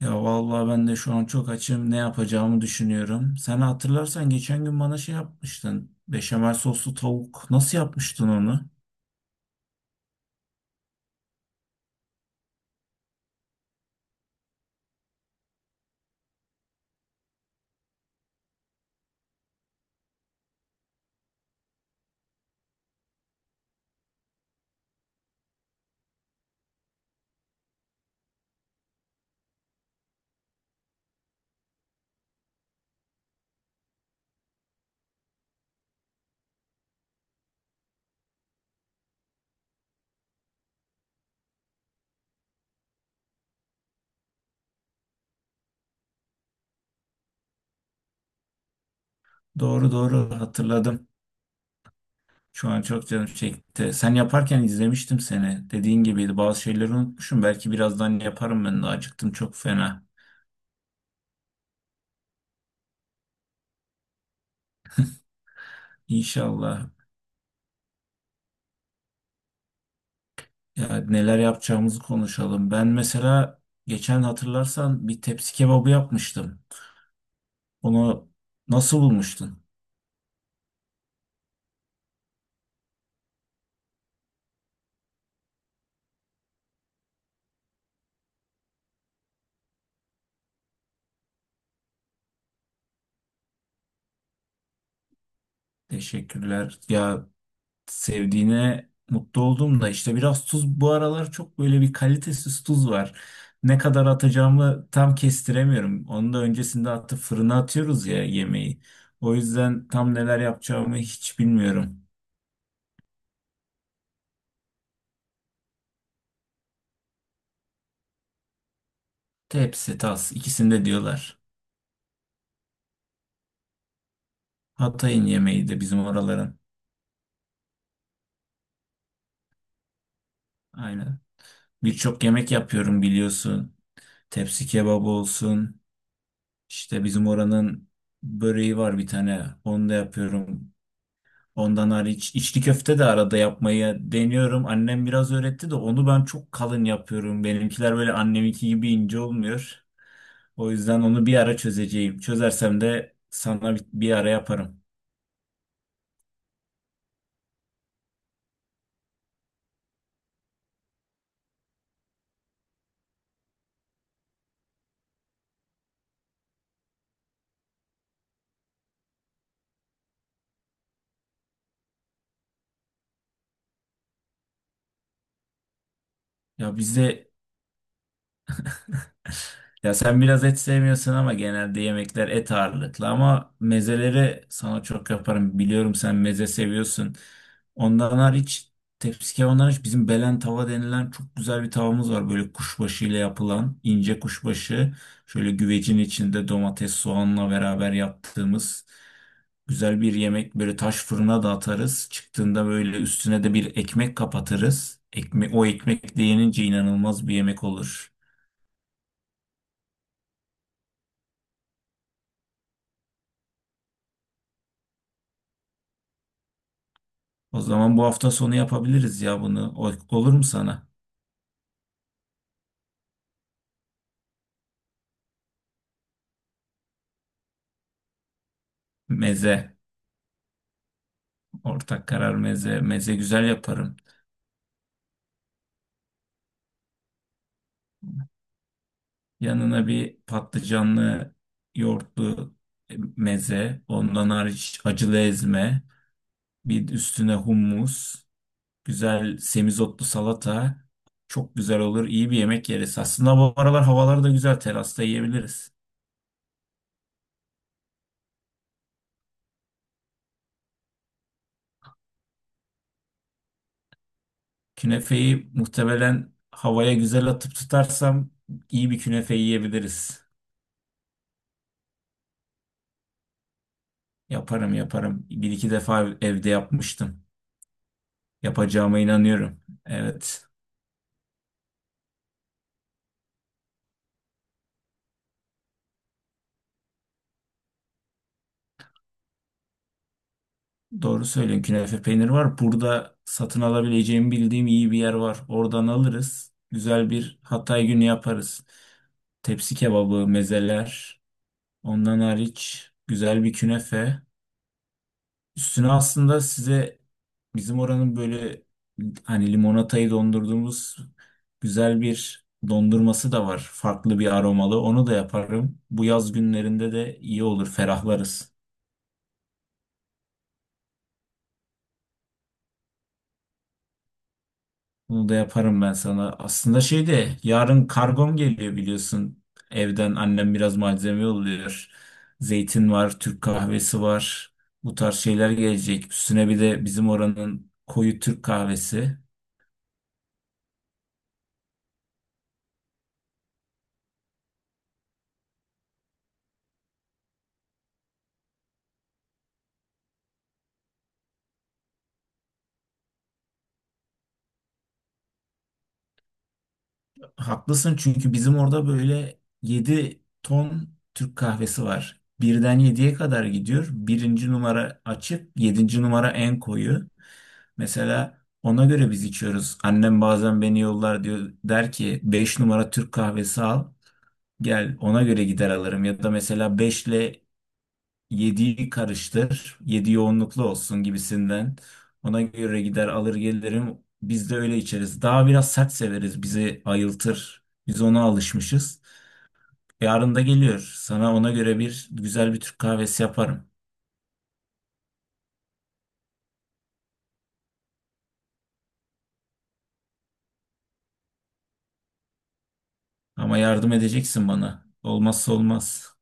Ya vallahi ben de şu an çok açım. Ne yapacağımı düşünüyorum. Sen hatırlarsan geçen gün bana şey yapmıştın. Beşamel soslu tavuk. Nasıl yapmıştın onu? Doğru doğru hatırladım. Şu an çok canım çekti. Sen yaparken izlemiştim seni. Dediğin gibiydi. Bazı şeyleri unutmuşum. Belki birazdan yaparım ben de. Acıktım çok fena. İnşallah. Ya neler yapacağımızı konuşalım. Ben mesela geçen hatırlarsan bir tepsi kebabı yapmıştım. Onu nasıl bulmuştun? Teşekkürler. Ya sevdiğine mutlu oldum da işte biraz tuz bu aralar çok böyle bir kalitesiz tuz var. Ne kadar atacağımı tam kestiremiyorum. Onu da öncesinde atıp fırına atıyoruz ya yemeği. O yüzden tam neler yapacağımı hiç bilmiyorum. Tepsi, tas ikisinde diyorlar. Hatay'ın yemeği de bizim oraların. Aynen. Birçok yemek yapıyorum biliyorsun. Tepsi kebabı olsun. İşte bizim oranın böreği var bir tane. Onu da yapıyorum. Ondan hariç içli köfte de arada yapmayı deniyorum. Annem biraz öğretti de onu ben çok kalın yapıyorum. Benimkiler böyle anneminki gibi ince olmuyor. O yüzden onu bir ara çözeceğim. Çözersem de sana bir ara yaparım. Ya bizde, ya sen biraz et sevmiyorsun ama genelde yemekler et ağırlıklı ama mezeleri sana çok yaparım. Biliyorum sen meze seviyorsun. Ondan hariç, tepsi kebabından hariç bizim belen tava denilen çok güzel bir tavamız var. Böyle kuşbaşı ile yapılan ince kuşbaşı. Şöyle güvecin içinde domates soğanla beraber yaptığımız güzel bir yemek. Böyle taş fırına da atarız. Çıktığında böyle üstüne de bir ekmek kapatırız. Ekme o ekmek de yenince inanılmaz bir yemek olur. O zaman bu hafta sonu yapabiliriz ya bunu. Olur mu sana? Meze. Ortak karar meze. Meze güzel yaparım. Yanına bir patlıcanlı yoğurtlu meze. Ondan hariç acılı ezme. Bir üstüne hummus. Güzel semizotlu salata. Çok güzel olur. İyi bir yemek yeriz. Aslında bu aralar havalar da güzel. Terasta yiyebiliriz. Künefeyi muhtemelen havaya güzel atıp tutarsam iyi bir künefe yiyebiliriz. Yaparım yaparım. Bir iki defa evde yapmıştım. Yapacağıma inanıyorum. Evet. Doğru söylüyorsun. Künefe peynir var. Burada satın alabileceğimi bildiğim iyi bir yer var. Oradan alırız. Güzel bir Hatay günü yaparız. Tepsi kebabı, mezeler. Ondan hariç güzel bir künefe. Üstüne aslında size bizim oranın böyle hani limonatayı dondurduğumuz güzel bir dondurması da var. Farklı bir aromalı. Onu da yaparım. Bu yaz günlerinde de iyi olur, ferahlarız. Bunu da yaparım ben sana. Aslında şey de yarın kargom geliyor biliyorsun. Evden annem biraz malzeme yolluyor. Zeytin var, Türk kahvesi var. Bu tarz şeyler gelecek. Üstüne bir de bizim oranın koyu Türk kahvesi. Haklısın çünkü bizim orada böyle 7 ton Türk kahvesi var. Birden 7'ye kadar gidiyor. Birinci numara açık, yedinci numara en koyu. Mesela ona göre biz içiyoruz. Annem bazen beni yollar diyor. Der ki 5 numara Türk kahvesi al. Gel ona göre gider alırım. Ya da mesela 5 yediği karıştır, yedi yoğunluklu olsun gibisinden. Ona göre gider alır gelirim. Biz de öyle içeriz. Daha biraz sert severiz. Bizi ayıltır. Biz ona alışmışız. Yarın da geliyor. Sana ona göre bir güzel bir Türk kahvesi yaparım. Ama yardım edeceksin bana. Olmazsa olmaz.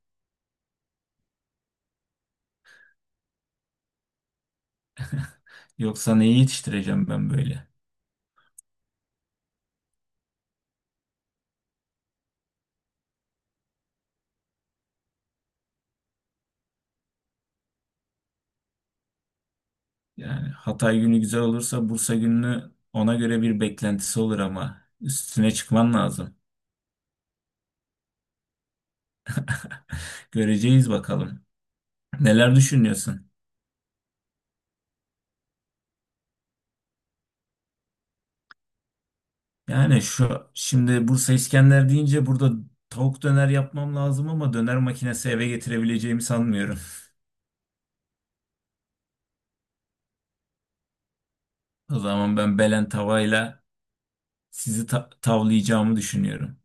Yoksa neyi yetiştireceğim ben böyle? Yani Hatay günü güzel olursa Bursa gününü ona göre bir beklentisi olur ama üstüne çıkman lazım. Göreceğiz bakalım. Neler düşünüyorsun? Yani şu şimdi Bursa İskender deyince burada tavuk döner yapmam lazım ama döner makinesi eve getirebileceğimi sanmıyorum. O zaman ben belen tavayla sizi tavlayacağımı düşünüyorum.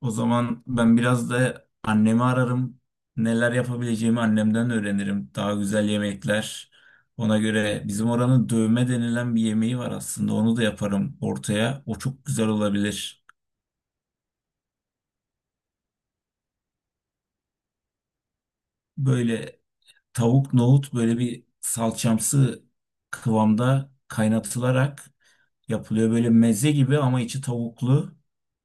O zaman ben biraz da annemi ararım. Neler yapabileceğimi annemden öğrenirim. Daha güzel yemekler. Ona göre bizim oranın dövme denilen bir yemeği var aslında. Onu da yaparım ortaya. O çok güzel olabilir. Böyle tavuk nohut böyle bir salçamsı kıvamda kaynatılarak yapılıyor. Böyle meze gibi ama içi tavuklu.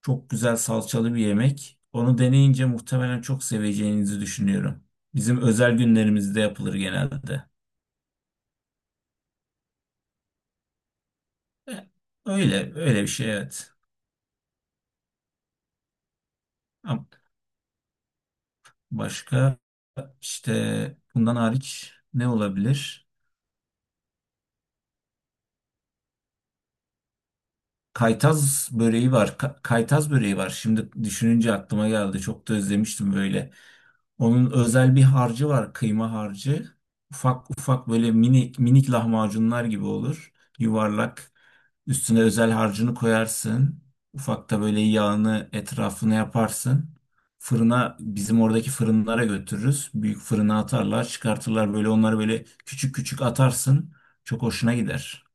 Çok güzel salçalı bir yemek. Onu deneyince muhtemelen çok seveceğinizi düşünüyorum. Bizim özel günlerimizde yapılır genelde. E, Öyle, öyle bir şey evet. Ama başka, işte bundan hariç ne olabilir? Kaytaz böreği var. Kaytaz böreği var. Şimdi düşününce aklıma geldi. Çok da özlemiştim böyle. Onun özel bir harcı var. Kıyma harcı. Ufak ufak böyle minik minik lahmacunlar gibi olur. Yuvarlak. Üstüne özel harcını koyarsın. Ufak da böyle yağını etrafına yaparsın. Fırına bizim oradaki fırınlara götürürüz. Büyük fırına atarlar, çıkartırlar böyle onları böyle küçük küçük atarsın. Çok hoşuna gider.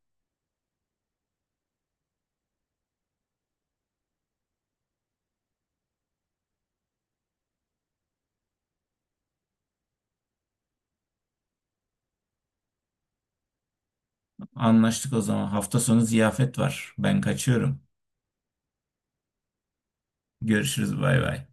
Anlaştık o zaman. Hafta sonu ziyafet var. Ben kaçıyorum. Görüşürüz. Bay bay.